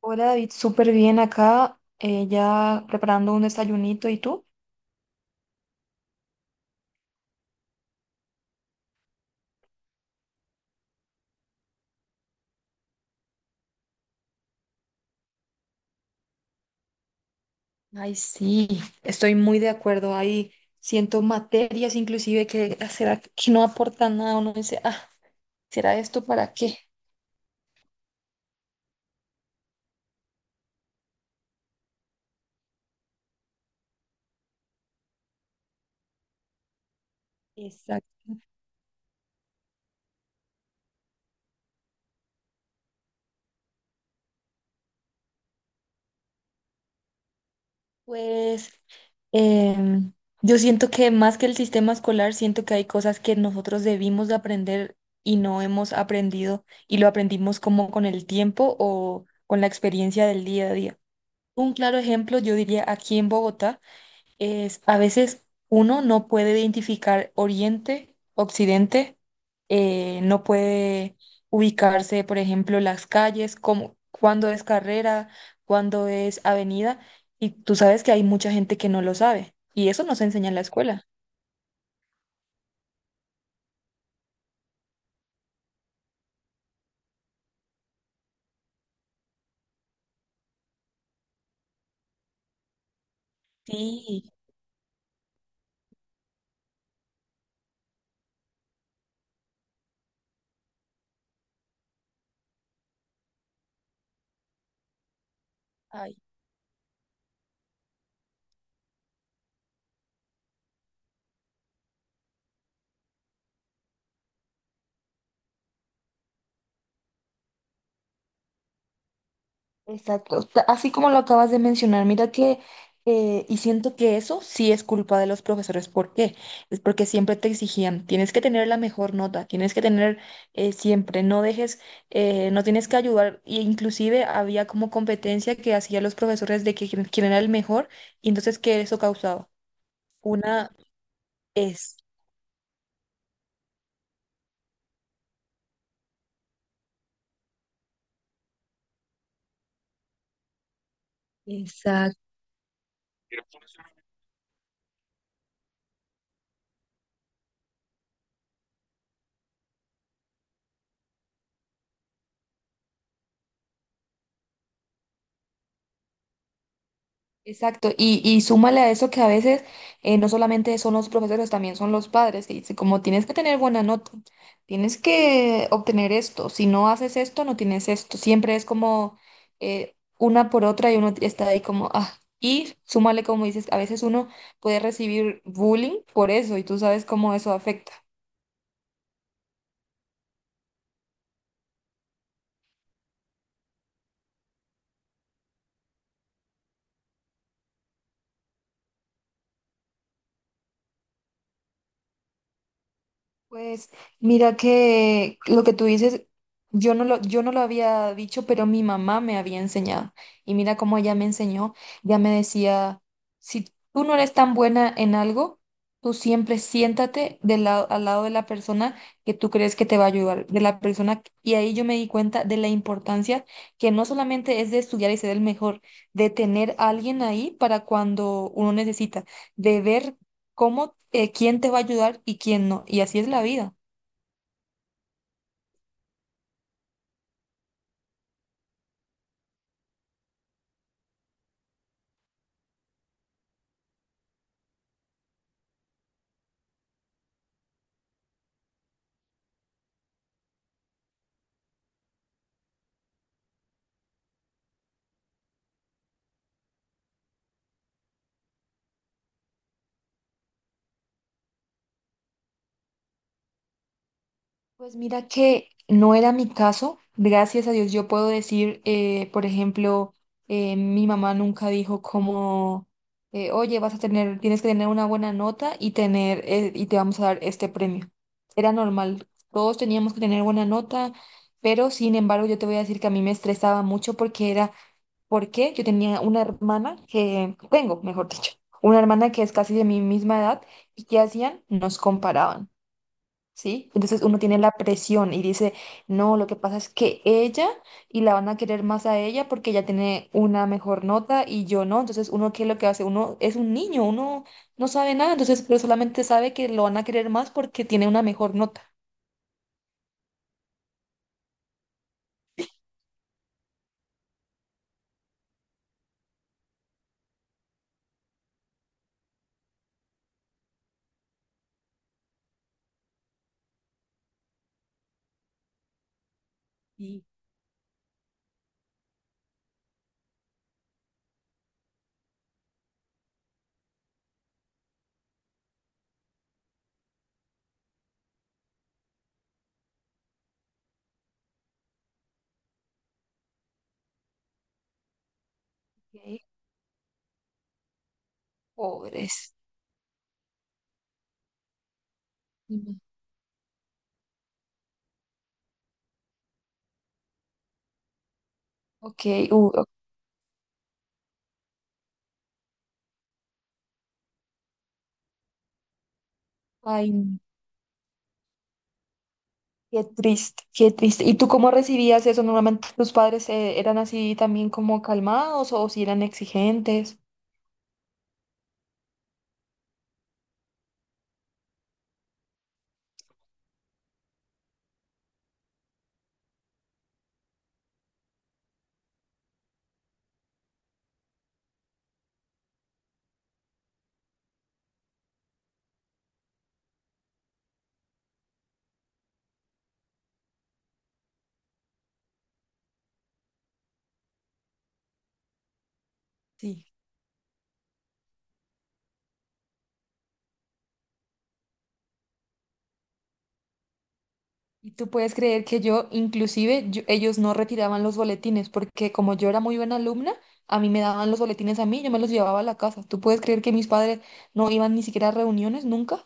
Hola David, súper bien acá, ya preparando un desayunito. ¿Y tú? Ay, sí, estoy muy de acuerdo. Ahí siento materias inclusive que será que no aportan nada. Uno dice, ah, ¿será esto para qué? Exacto. Pues em, yo siento que más que el sistema escolar, siento que hay cosas que nosotros debimos de aprender y no hemos aprendido y lo aprendimos como con el tiempo o con la experiencia del día a día. Un claro ejemplo, yo diría aquí en Bogotá. Es a veces uno no puede identificar Oriente, Occidente, no puede ubicarse, por ejemplo, las calles, como, cuándo es carrera, cuándo es avenida, y tú sabes que hay mucha gente que no lo sabe, y eso no se enseña en la escuela. Sí, ay. Exacto, así como lo acabas de mencionar, mira que, y siento que eso sí es culpa de los profesores. ¿Por qué? Es porque siempre te exigían, tienes que tener la mejor nota, tienes que tener, siempre, no dejes, no tienes que ayudar, e inclusive había como competencia que hacían los profesores de que quién era el mejor, y entonces, ¿qué eso causaba? Una es... Exacto, y súmale a eso que a veces, no solamente son los profesores, también son los padres que dicen, como tienes que tener buena nota, tienes que obtener esto, si no haces esto, no tienes esto, siempre es como, una por otra y uno está ahí como, ah, y súmale como dices, a veces uno puede recibir bullying por eso y tú sabes cómo eso afecta. Pues mira que lo que tú dices, yo no lo había dicho, pero mi mamá me había enseñado. Y mira cómo ella me enseñó, ya me decía, si tú no eres tan buena en algo, tú siempre siéntate del lado, al lado de la persona que tú crees que te va a ayudar, de la persona. Y ahí yo me di cuenta de la importancia que no solamente es de estudiar y ser el mejor, de tener a alguien ahí para cuando uno necesita, de ver cómo, quién te va a ayudar y quién no. Y así es la vida. Pues mira que no era mi caso. Gracias a Dios yo puedo decir, por ejemplo, mi mamá nunca dijo como, oye, vas a tener, tienes que tener una buena nota y tener, y te vamos a dar este premio. Era normal. Todos teníamos que tener buena nota, pero sin embargo yo te voy a decir que a mí me estresaba mucho porque era porque yo tenía una hermana que, tengo, mejor dicho, una hermana que es casi de mi misma edad. ¿Y qué hacían? Nos comparaban, ¿sí? Entonces uno tiene la presión y dice, no, lo que pasa es que ella y la van a querer más a ella porque ella tiene una mejor nota y yo no. Entonces uno, ¿qué es lo que hace? Uno es un niño, uno no sabe nada, entonces pero solamente sabe que lo van a querer más porque tiene una mejor nota. Y ok. Pobres. Ok, ok. Ay, no. Qué triste, qué triste. ¿Y tú cómo recibías eso? ¿Normalmente tus padres, eran así también como calmados o si eran exigentes? Sí. Y tú puedes creer que yo, inclusive, ellos no retiraban los boletines porque como yo era muy buena alumna, a mí me daban los boletines a mí, yo me los llevaba a la casa. ¿Tú puedes creer que mis padres no iban ni siquiera a reuniones nunca?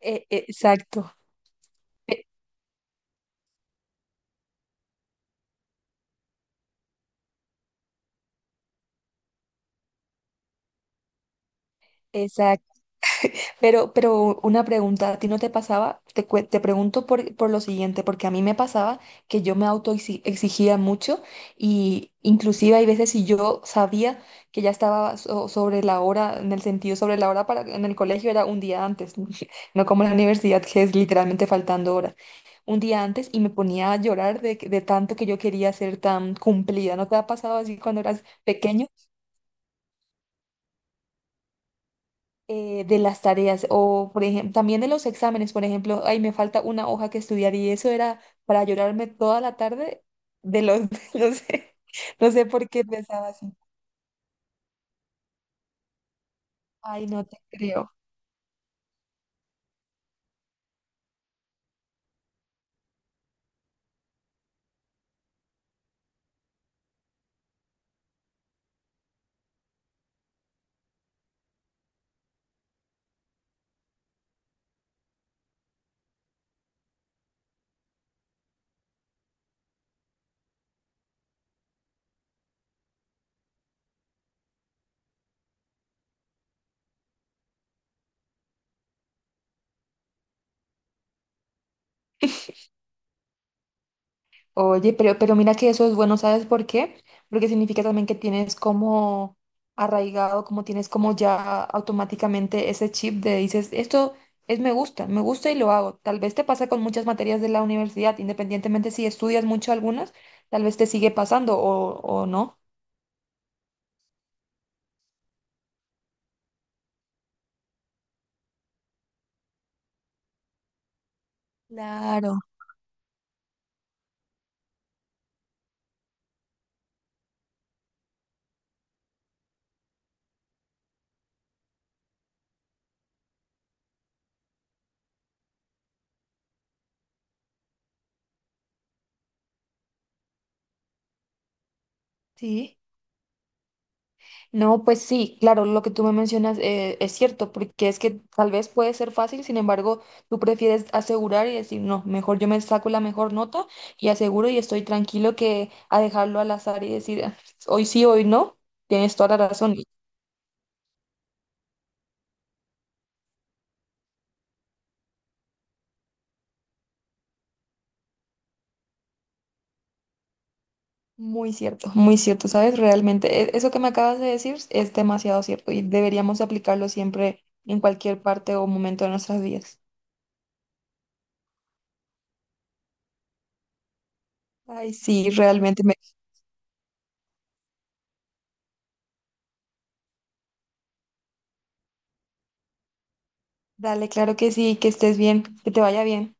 Exacto. e- Exacto. Pero una pregunta, ¿a ti no te pasaba? Te pregunto por lo siguiente, porque a mí me pasaba que yo me exigía mucho y inclusive hay veces si yo sabía que ya estaba sobre la hora, en el sentido sobre la hora para en el colegio era un día antes, no como en la universidad que es literalmente faltando hora un día antes y me ponía a llorar de, de tanto que yo quería ser tan cumplida. ¿No te ha pasado así cuando eras pequeño? De las tareas o, por ejemplo, también de los exámenes. Por ejemplo, ay, me falta una hoja que estudiar y eso era para llorarme toda la tarde de los, no sé, no sé por qué pensaba así. Ay, no te creo. Oye, pero mira que eso es bueno, ¿sabes por qué? Porque significa también que tienes como arraigado, como tienes como ya automáticamente ese chip de dices, esto es me gusta y lo hago. Tal vez te pasa con muchas materias de la universidad, independientemente si estudias mucho algunas, tal vez te sigue pasando o no. Claro. Sí. No, pues sí, claro, lo que tú me mencionas, es cierto, porque es que tal vez puede ser fácil, sin embargo, tú prefieres asegurar y decir, no, mejor yo me saco la mejor nota y aseguro y estoy tranquilo que a dejarlo al azar y decir, "Ah, hoy sí, hoy no". Tienes toda la razón. Muy cierto, ¿sabes? Realmente, eso que me acabas de decir es demasiado cierto y deberíamos aplicarlo siempre en cualquier parte o momento de nuestras vidas. Ay, sí, realmente me... Dale, claro que sí, que estés bien, que te vaya bien.